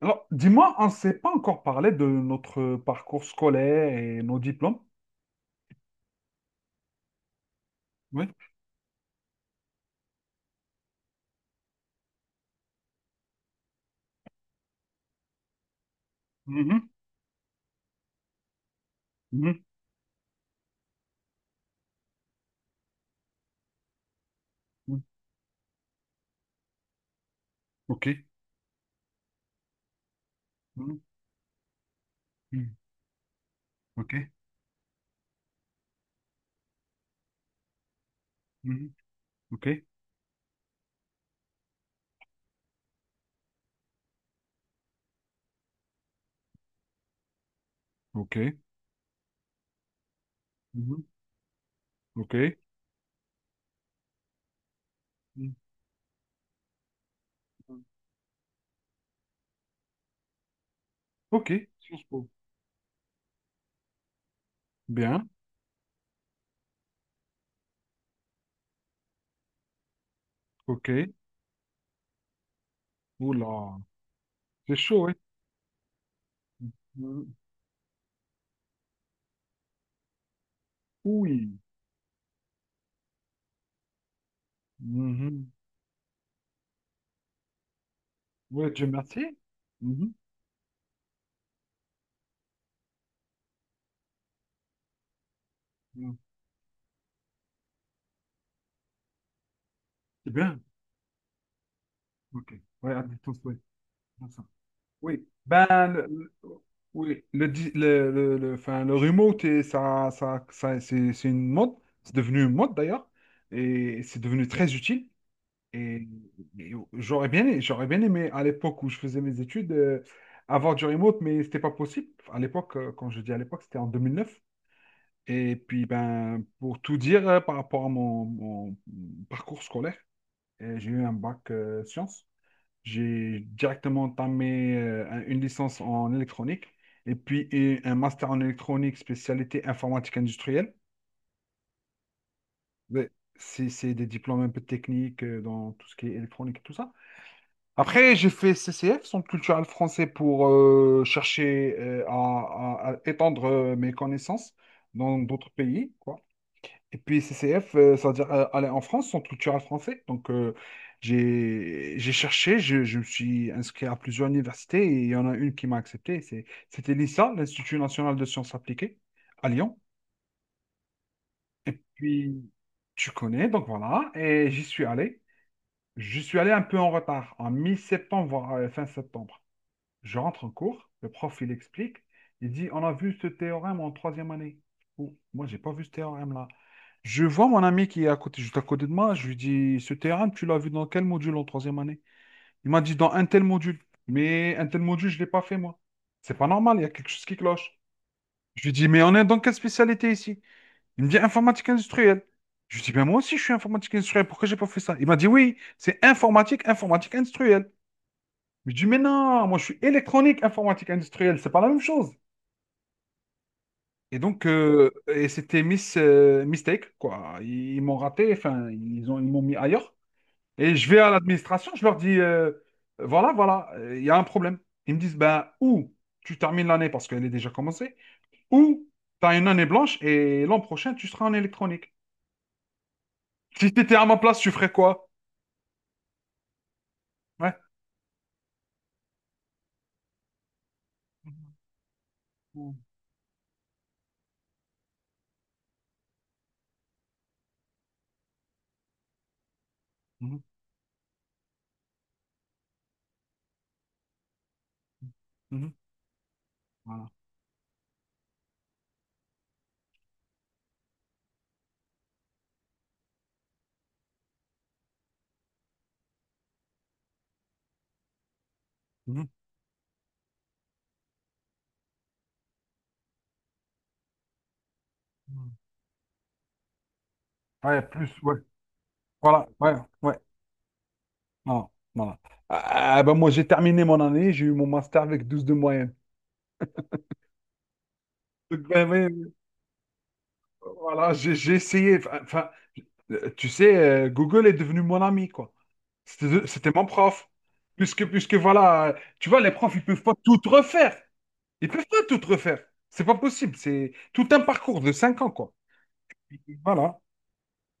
Alors, dis-moi, on ne s'est pas encore parlé de notre parcours scolaire et nos diplômes. Oui. Mhm, mhm, mhm. OK. Mhm, mhm. OK. Mhm, OK. OK. Mhm, OK. Mhm. OK. Sciences Po. Bien. OK. Oula, c'est chaud, oui. Mhm. Oui. Mhm. Oui, Dieu merci. Mhm. Mhm. C'est bien. OK. Ouais, à distance, oui. Oui, ben, oui, enfin, le remote, et c'est une mode, c'est devenu une mode d'ailleurs, et c'est devenu très utile. Et, et j'aurais bien aimé à l'époque où je faisais mes études avoir du remote, mais c'était pas possible. À l'époque, quand je dis à l'époque, c'était en 2009. Et puis, ben, pour tout dire par rapport à mon parcours scolaire, j'ai eu un bac sciences. J'ai directement entamé une licence en électronique et puis un master en électronique spécialité informatique industrielle. Mais c'est des diplômes un peu techniques dans tout ce qui est électronique et tout ça. Après, j'ai fait CCF, Centre culturel français, pour chercher à, à étendre mes connaissances dans d'autres pays, quoi. Et puis CCF, ça veut dire aller en France, centre culturel français. Donc j'ai cherché, je me suis inscrit à plusieurs universités et il y en a une qui m'a accepté. C'était l'INSA, l'Institut national de sciences appliquées, à Lyon. Puis tu connais, donc voilà. Et j'y suis allé. Je suis allé un peu en retard, en mi-septembre, voire fin septembre. Je rentre en cours, le prof il explique, il dit on a vu ce théorème en troisième année. Oh, moi j'ai pas vu ce théorème là. Je vois mon ami qui est à côté, juste à côté de moi, je lui dis ce théorème tu l'as vu dans quel module en troisième année? Il m'a dit dans un tel module, mais un tel module je l'ai pas fait moi. C'est pas normal, il y a quelque chose qui cloche. Je lui dis mais on est dans quelle spécialité ici? Il me dit informatique industrielle. Je lui dis ben moi aussi je suis informatique industrielle, pourquoi j'ai pas fait ça? Il m'a dit oui, c'est informatique, informatique industrielle. Je dis, mais non, moi je suis électronique, informatique industrielle, c'est pas la même chose. Et donc, et c'était miss, mistake, quoi. Ils m'ont raté, enfin, ils m'ont mis ailleurs. Et je vais à l'administration, je leur dis, voilà, voilà, il y a un problème. Ils me disent, ben, ou tu termines l'année parce qu'elle est déjà commencée, ou tu as une année blanche et l'an prochain, tu seras en électronique. Si tu étais à ma place, tu ferais quoi? Ouais. Mhm, mhm, mhm. Voilà. Mhm, mhm. Ouais, plus, ouais. Voilà, ouais, ouais. Non, voilà. Ah, ah, bah, moi, j'ai terminé mon année, j'ai eu mon master avec 12 de moyenne. Donc, ben, ben, voilà, j'ai essayé. Enfin, enfin, tu sais, Google est devenu mon ami, quoi. C'était mon prof. Puisque, puisque voilà, tu vois, les profs, ils peuvent pas tout refaire. Ils peuvent pas tout refaire. C'est pas possible. C'est tout un parcours de 5 ans, quoi. Et voilà.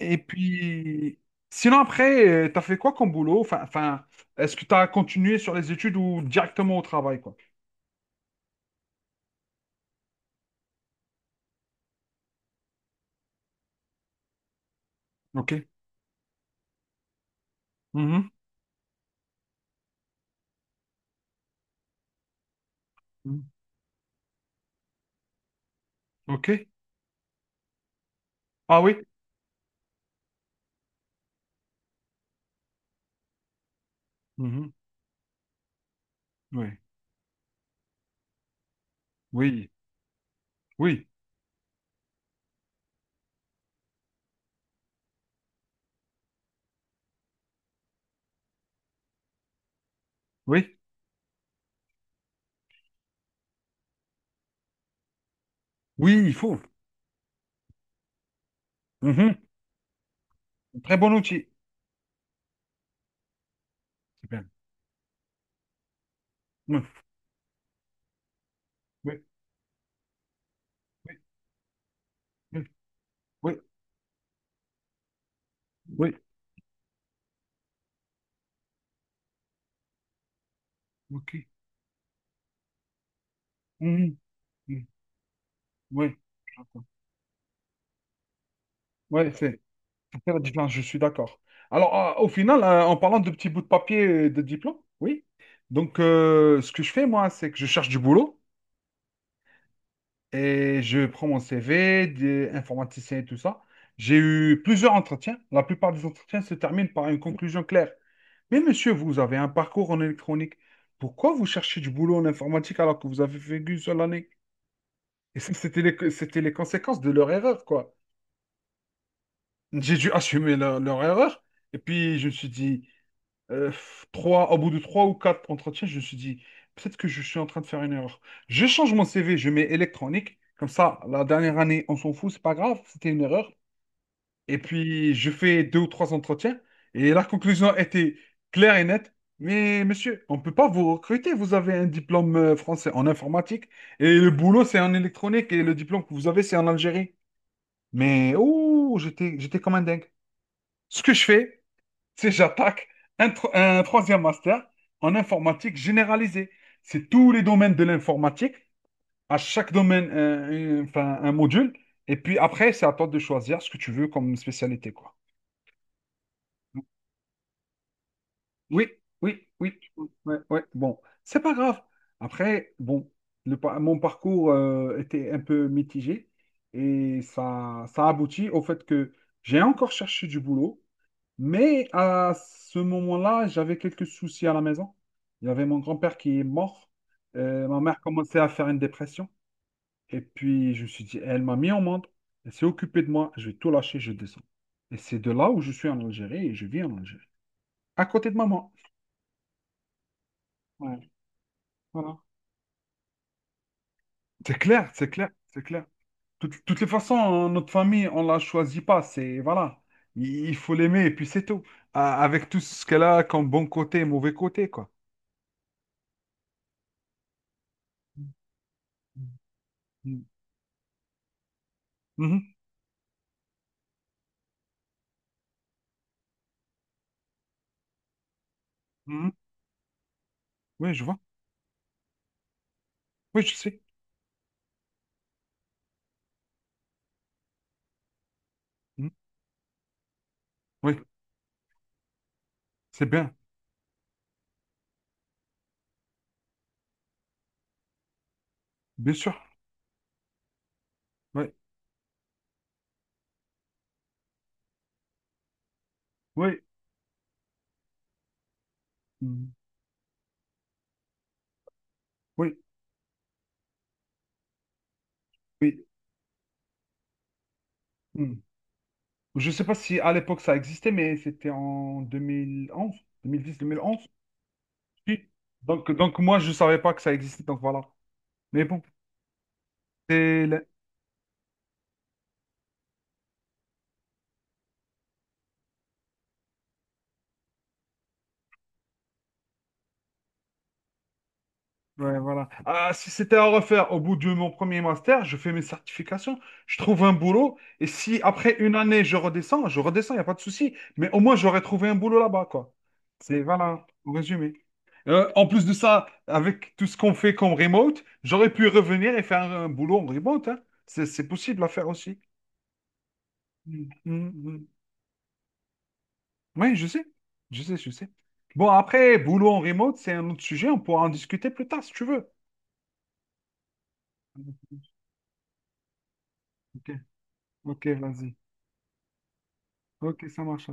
Et puis, sinon, après, tu as fait quoi comme boulot? Enfin, enfin, est-ce que tu as continué sur les études ou directement au travail, quoi? OK. Mhm. Mm. OK. Ah oui. Mhm. Oui. Oui. Oui. Oui. Oui, il faut. Mhm. Très bon outil. C'est Oui. Oui. Oui. Oui. Oui. Oui. OK. Mhm. Mhm. Oui. J'entends. Ouais, c'est ça fait la différence, je suis d'accord. Alors, au final, en parlant de petits bouts de papier de diplôme, oui. Donc, ce que je fais, moi, c'est que je cherche du boulot et je prends mon CV, des informaticiens et tout ça. J'ai eu plusieurs entretiens. La plupart des entretiens se terminent par une conclusion claire. Mais monsieur, vous avez un parcours en électronique. Pourquoi vous cherchez du boulot en informatique alors que vous avez fait qu'une seule année? Et ça, c'était les conséquences de leur erreur, quoi. J'ai dû assumer leur erreur. Et puis, je me suis dit, au bout de trois ou quatre entretiens, je me suis dit, peut-être que je suis en train de faire une erreur. Je change mon CV, je mets électronique. Comme ça, la dernière année, on s'en fout, c'est pas grave, c'était une erreur. Et puis, je fais deux ou trois entretiens. Et la conclusion était claire et nette. Mais monsieur, on ne peut pas vous recruter. Vous avez un diplôme français en informatique. Et le boulot, c'est en électronique. Et le diplôme que vous avez, c'est en Algérie. Mais, ouh, j'étais comme un dingue. Ce que je fais, c'est j'attaque un troisième master en informatique généralisée. C'est tous les domaines de l'informatique. À chaque domaine, enfin, un module. Et puis après, c'est à toi de choisir ce que tu veux comme spécialité, quoi. Oui, oui, oui, ouais, ouais. Bon, c'est pas grave. Après, bon, mon parcours était un peu mitigé et ça aboutit au fait que j'ai encore cherché du boulot, mais à ce moment-là, j'avais quelques soucis à la maison. Il y avait mon grand-père qui est mort, ma mère commençait à faire une dépression et puis je me suis dit, elle m'a mis en monde, elle s'est occupée de moi, je vais tout lâcher, je descends. Et c'est de là où je suis en Algérie et je vis en Algérie, à côté de maman. Ouais. Voilà. C'est clair, c'est clair, c'est clair. Toutes les façons, hein, notre famille, on la choisit pas. C'est, voilà, il faut l'aimer et puis c'est tout. Avec tout ce qu'elle a comme bon côté et mauvais côté, quoi. Mhm, mhm. Oui, je vois. Oui, je sais. Mhm. Oui, c'est bien. Bien sûr. Oui, oui. Mhm. Oui, oui. Mhm. Je sais pas si à l'époque ça existait, mais c'était en deux mille onze, 2010, 2011. Si. Donc moi, je savais pas que ça existait, donc voilà. Mais bon, c'est Ouais, voilà. Ah, si c'était à refaire au bout de mon premier master, je fais mes certifications, je trouve un boulot, et si après une année je redescends, il n'y a pas de souci, mais au moins j'aurais trouvé un boulot là-bas, quoi. C'est, voilà, en résumé. En plus de ça, avec tout ce qu'on fait comme remote, j'aurais pu revenir et faire un, boulot en remote, hein. C'est possible à faire aussi. Mm, mm, mm. Oui, je sais, je sais, je sais. Bon, après, boulot en remote, c'est un autre sujet, on pourra en discuter plus tard si tu veux. Ok, ok, vas-y. Ok, ça marche.